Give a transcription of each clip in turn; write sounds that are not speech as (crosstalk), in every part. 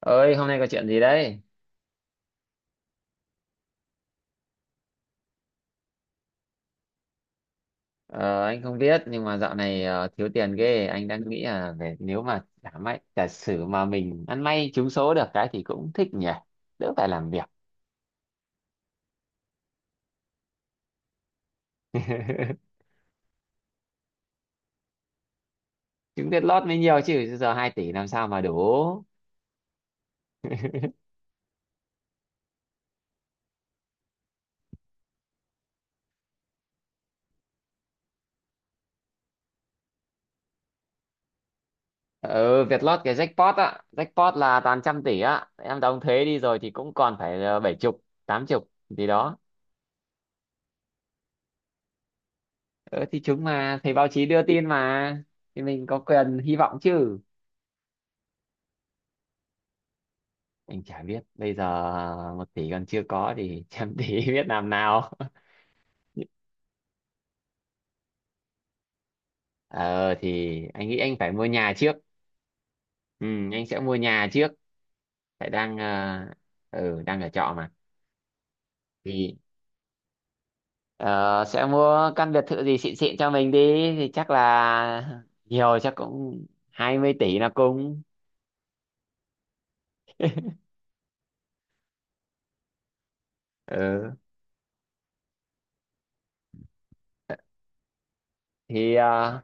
Ơi, hôm nay có chuyện gì đấy? Ờ, anh không biết, nhưng mà dạo này thiếu tiền ghê. Anh đang nghĩ là về nếu mà giả sử mà mình ăn may trúng số được cái thì cũng thích nhỉ. Đỡ phải làm việc. (laughs) Trúng Vietlott mới nhiều chứ, giờ 2 tỷ làm sao mà đủ. Ừ, Vietlott cái jackpot á, jackpot là toàn 100 tỷ á. Em đóng thuế đi rồi thì cũng còn phải bảy chục tám chục gì đó. Ờ, thì chúng mà thấy báo chí đưa tin mà, thì mình có quyền hy vọng chứ. Anh chả biết bây giờ, 1 tỷ còn chưa có thì 100 tỷ (laughs) biết làm nào. (laughs) Ờ thì anh nghĩ anh phải mua nhà trước. Ừ, anh sẽ mua nhà trước. phải đang ờ, ừ, đang ở trọ mà. Thì ờ, sẽ mua căn biệt thự gì xịn xịn cho mình đi. Thì chắc là (laughs) nhiều, chắc cũng 20 tỷ là cùng. Ừ, thì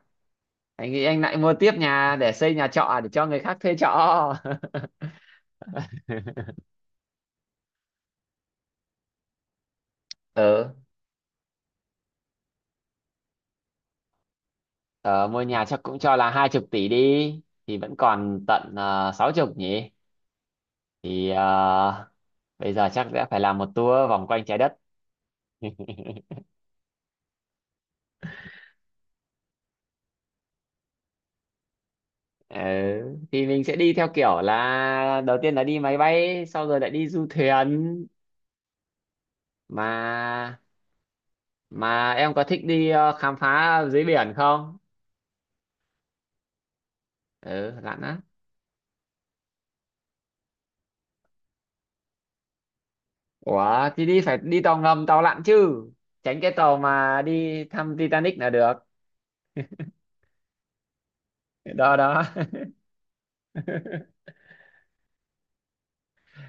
anh nghĩ anh lại mua tiếp nhà để xây nhà trọ để cho người khác thuê trọ. (laughs) Ừ. Ờ, Mua nhà chắc cũng cho là 20 tỷ đi, thì vẫn còn tận sáu chục nhỉ. Thì bây giờ chắc sẽ phải làm một tour vòng quanh trái đất. Ừ. Thì mình sẽ đi theo kiểu là đầu tiên là đi máy bay, sau rồi lại đi du thuyền. Mà mà em có thích đi khám phá dưới biển không? Ừ, lặn á. Ủa, thì đi phải đi tàu ngầm, tàu lặn chứ. Tránh cái tàu mà đi thăm Titanic là được. Đó, đó.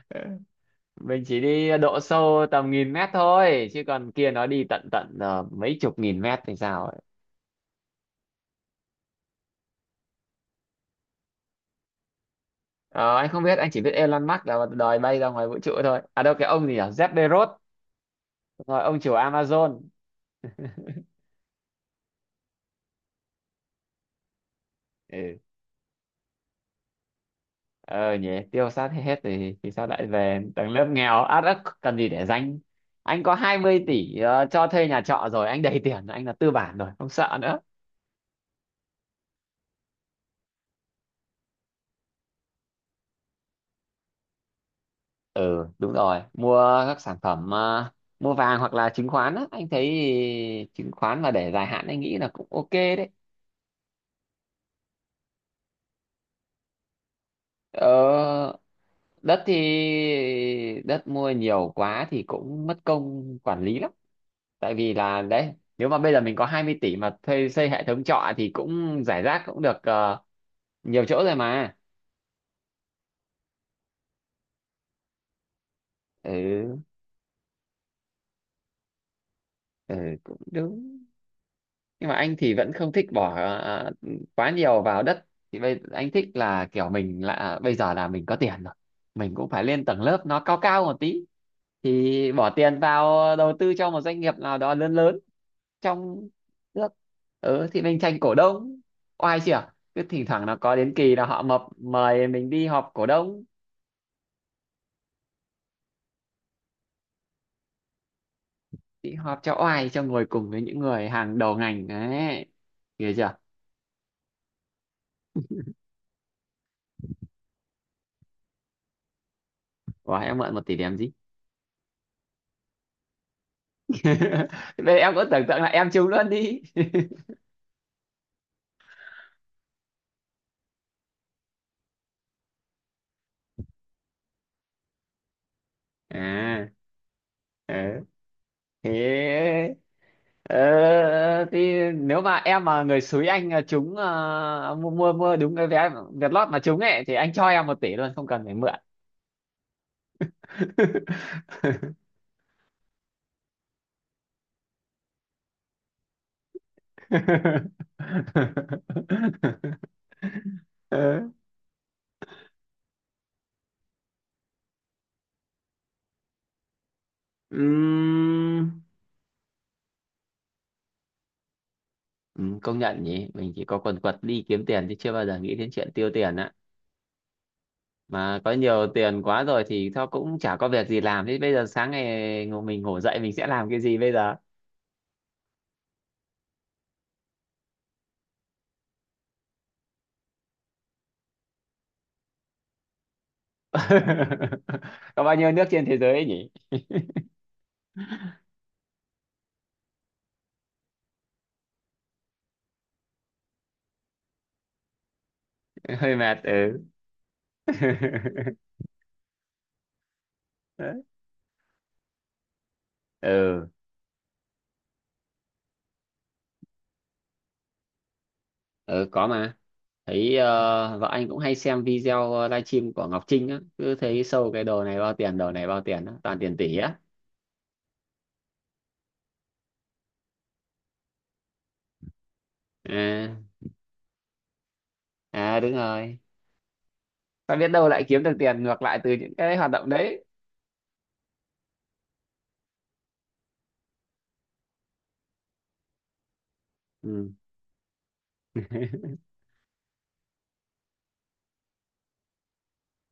(laughs) Mình chỉ đi độ sâu tầm nghìn mét thôi, chứ còn kia nó đi tận tận mấy chục nghìn mét thì sao ấy. Ờ, anh không biết, anh chỉ biết Elon Musk là đòi bay ra ngoài vũ trụ thôi, à đâu, cái ông gì nhỉ, Jeff Bezos, rồi ông chủ Amazon. Ừ. ờ Nhỉ, tiêu sát hết thì sao lại về tầng lớp nghèo át ức, cần gì để danh. Anh có 20 tỷ cho thuê nhà trọ rồi, anh đầy tiền rồi, anh là tư bản rồi, không sợ nữa. Ừ, đúng rồi, mua các sản phẩm, mua vàng hoặc là chứng khoán á. Anh thấy chứng khoán mà để dài hạn anh nghĩ là cũng ok đấy. ờ, Đất thì đất mua nhiều quá thì cũng mất công quản lý lắm. Tại vì là đấy, nếu mà bây giờ mình có 20 tỷ mà thuê xây hệ thống trọ thì cũng giải rác cũng được nhiều chỗ rồi mà. Ừ. ừ Cũng đúng, nhưng mà anh thì vẫn không thích bỏ quá nhiều vào đất. Thì bây anh thích là kiểu mình là bây giờ là mình có tiền rồi, mình cũng phải lên tầng lớp nó cao cao một tí. Thì bỏ tiền vào đầu tư cho một doanh nghiệp nào đó lớn lớn trong nước. Ừ, thì mình tranh cổ đông, oai chưa. Cứ thỉnh thoảng nó có đến kỳ là họ mập mời mình đi họp cổ đông. Thì họp cho oai, cho ngồi cùng với những người hàng đầu ngành đấy, hiểu chưa. Ủa, em mượn 1 tỷ để làm gì? (laughs) Bây giờ em cũng tưởng tượng là em trúng luôn đi. À, ờ. Thế thì nếu mà em mà người xúi anh trúng, mua mua mua đúng cái vé Vietlott mà trúng ấy thì anh cho em 1 tỷ luôn, không cần phải mượn. (laughs) Ờ. Ừm, Công nhận nhỉ, mình chỉ có quần quật đi kiếm tiền chứ chưa bao giờ nghĩ đến chuyện tiêu tiền á. Mà có nhiều tiền quá rồi thì thôi cũng chả có việc gì làm. Thế bây giờ sáng ngày mình ngủ dậy mình sẽ làm cái gì bây giờ? (laughs) Có bao nhiêu nước trên thế giới ấy nhỉ? (laughs) Hơi mệt, ừ. (laughs) Ừ, ừ, có mà. Thấy vợ anh cũng hay xem video livestream của Ngọc Trinh á, cứ thấy sâu cái đồ này bao tiền, đồ này bao tiền á, toàn tiền tỷ á. À, à đúng rồi. Ta biết đâu lại kiếm được tiền ngược lại từ những cái hoạt động đấy. Ừ. (laughs)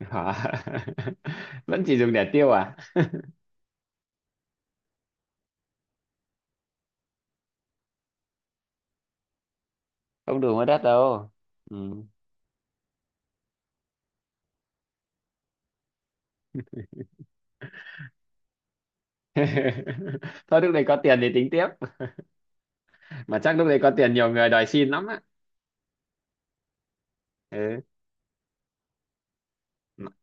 Hả? (laughs) Vẫn chỉ dùng để tiêu à? Không đủ mua đất đâu. Ừ. (laughs) Thôi lúc này có tiền thì tính tiếp, mà chắc lúc đấy có tiền nhiều người đòi xin lắm á. Ừ. M-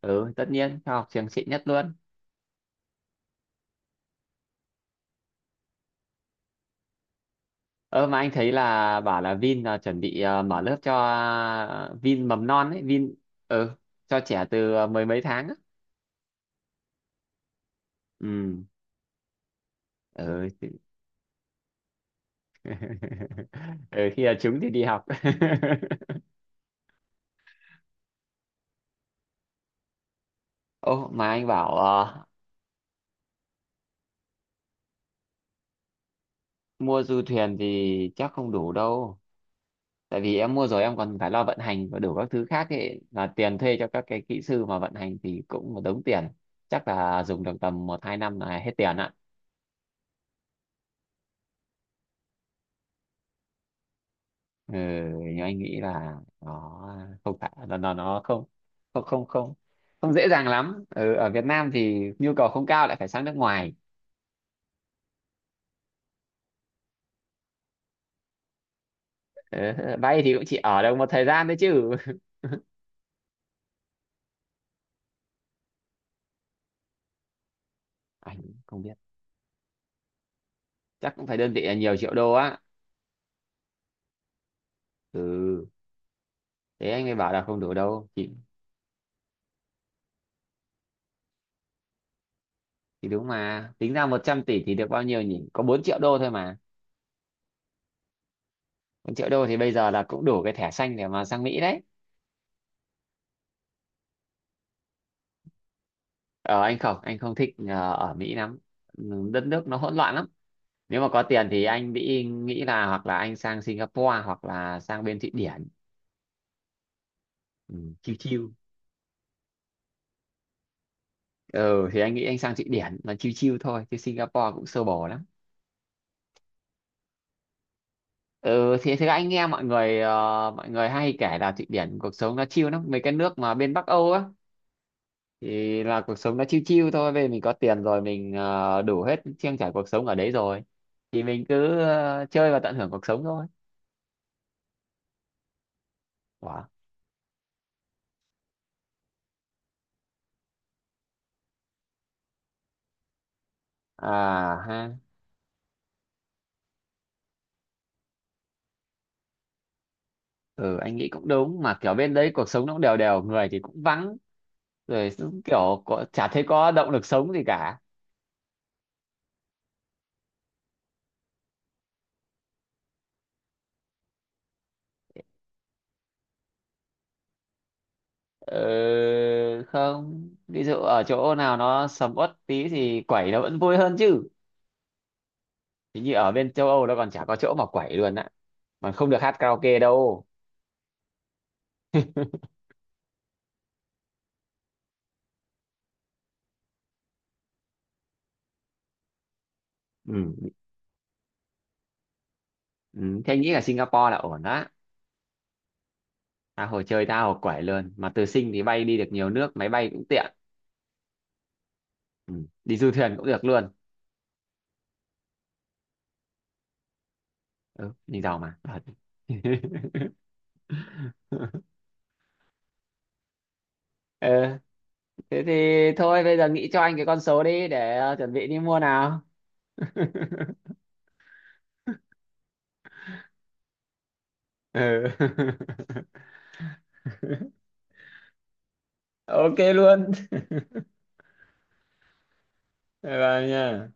ừ, tất nhiên cho học trường xịn nhất luôn. Ơ mà anh thấy là bảo là Vin là chuẩn bị mở lớp cho, Vin mầm non ấy, Vin. Ừ, cho trẻ từ mười mấy tháng á. Ừ. Ừ, (laughs) ừ khi là chúng thì đi học. (laughs) Ô mà anh bảo, mua du thuyền thì chắc không đủ đâu. Tại vì em mua rồi em còn phải lo vận hành và đủ các thứ khác ấy, là tiền thuê cho các cái kỹ sư mà vận hành thì cũng một đống tiền. Chắc là dùng được tầm một hai năm là hết tiền ạ. Ừ, nhưng anh nghĩ là nó không phải là nó không không không không không dễ dàng lắm. Ừ, ở Việt Nam thì nhu cầu không cao, lại phải sang nước ngoài. Ừ, vay thì cũng chỉ ở được một thời gian đấy chứ. (laughs) Anh không biết, chắc cũng phải đơn vị là nhiều triệu đô á. Ừ, thế anh mới bảo là không đủ đâu, chỉ thì đúng mà, tính ra 100 tỷ thì được bao nhiêu nhỉ, có 4 triệu đô thôi mà. 4 triệu đô thì bây giờ là cũng đủ cái thẻ xanh để mà sang Mỹ đấy. Ờ anh không thích ở Mỹ lắm. Ừ, đất nước nó hỗn loạn lắm. Nếu mà có tiền thì anh nghĩ nghĩ là hoặc là anh sang Singapore hoặc là sang bên Thụy Điển. Ừ, chill chill. Ừ thì anh nghĩ anh sang Thụy Điển là chill chill thôi, chứ Singapore cũng sơ bồ lắm. Ừ thì thế anh nghe mọi người hay kể là Thụy Điển cuộc sống nó chill lắm, mấy cái nước mà bên Bắc Âu á. Thì là cuộc sống nó chill chill thôi. Bây giờ mình có tiền rồi, mình đủ hết trang trải cuộc sống ở đấy rồi. Thì mình cứ chơi và tận hưởng cuộc sống thôi. Wow. À ha. Ừ, anh nghĩ cũng đúng, mà kiểu bên đấy cuộc sống nó cũng đều đều, người thì cũng vắng, rồi cũng kiểu có, chả thấy có động lực sống gì cả. Ừ, không, ví dụ ở chỗ nào nó sầm uất tí thì quẩy nó vẫn vui hơn chứ. Hình như ở bên châu Âu nó còn chả có chỗ mà quẩy luôn á, mà không được hát karaoke đâu. Ừ. Ừ, thế anh nghĩ là Singapore là ổn đó. Tha hồ chơi, tha hồ quẩy luôn. Mà từ Sing thì bay đi được nhiều nước, máy bay cũng tiện. Ừ, đi du thuyền cũng được luôn. Ừ, mình giàu mà. Thật. (laughs) Ờ, thế thì thôi bây giờ nghĩ cho anh cái con số đi để chuẩn bị đi mua nào. (laughs) Ừ. (laughs) Ok luôn. Bye bye nha.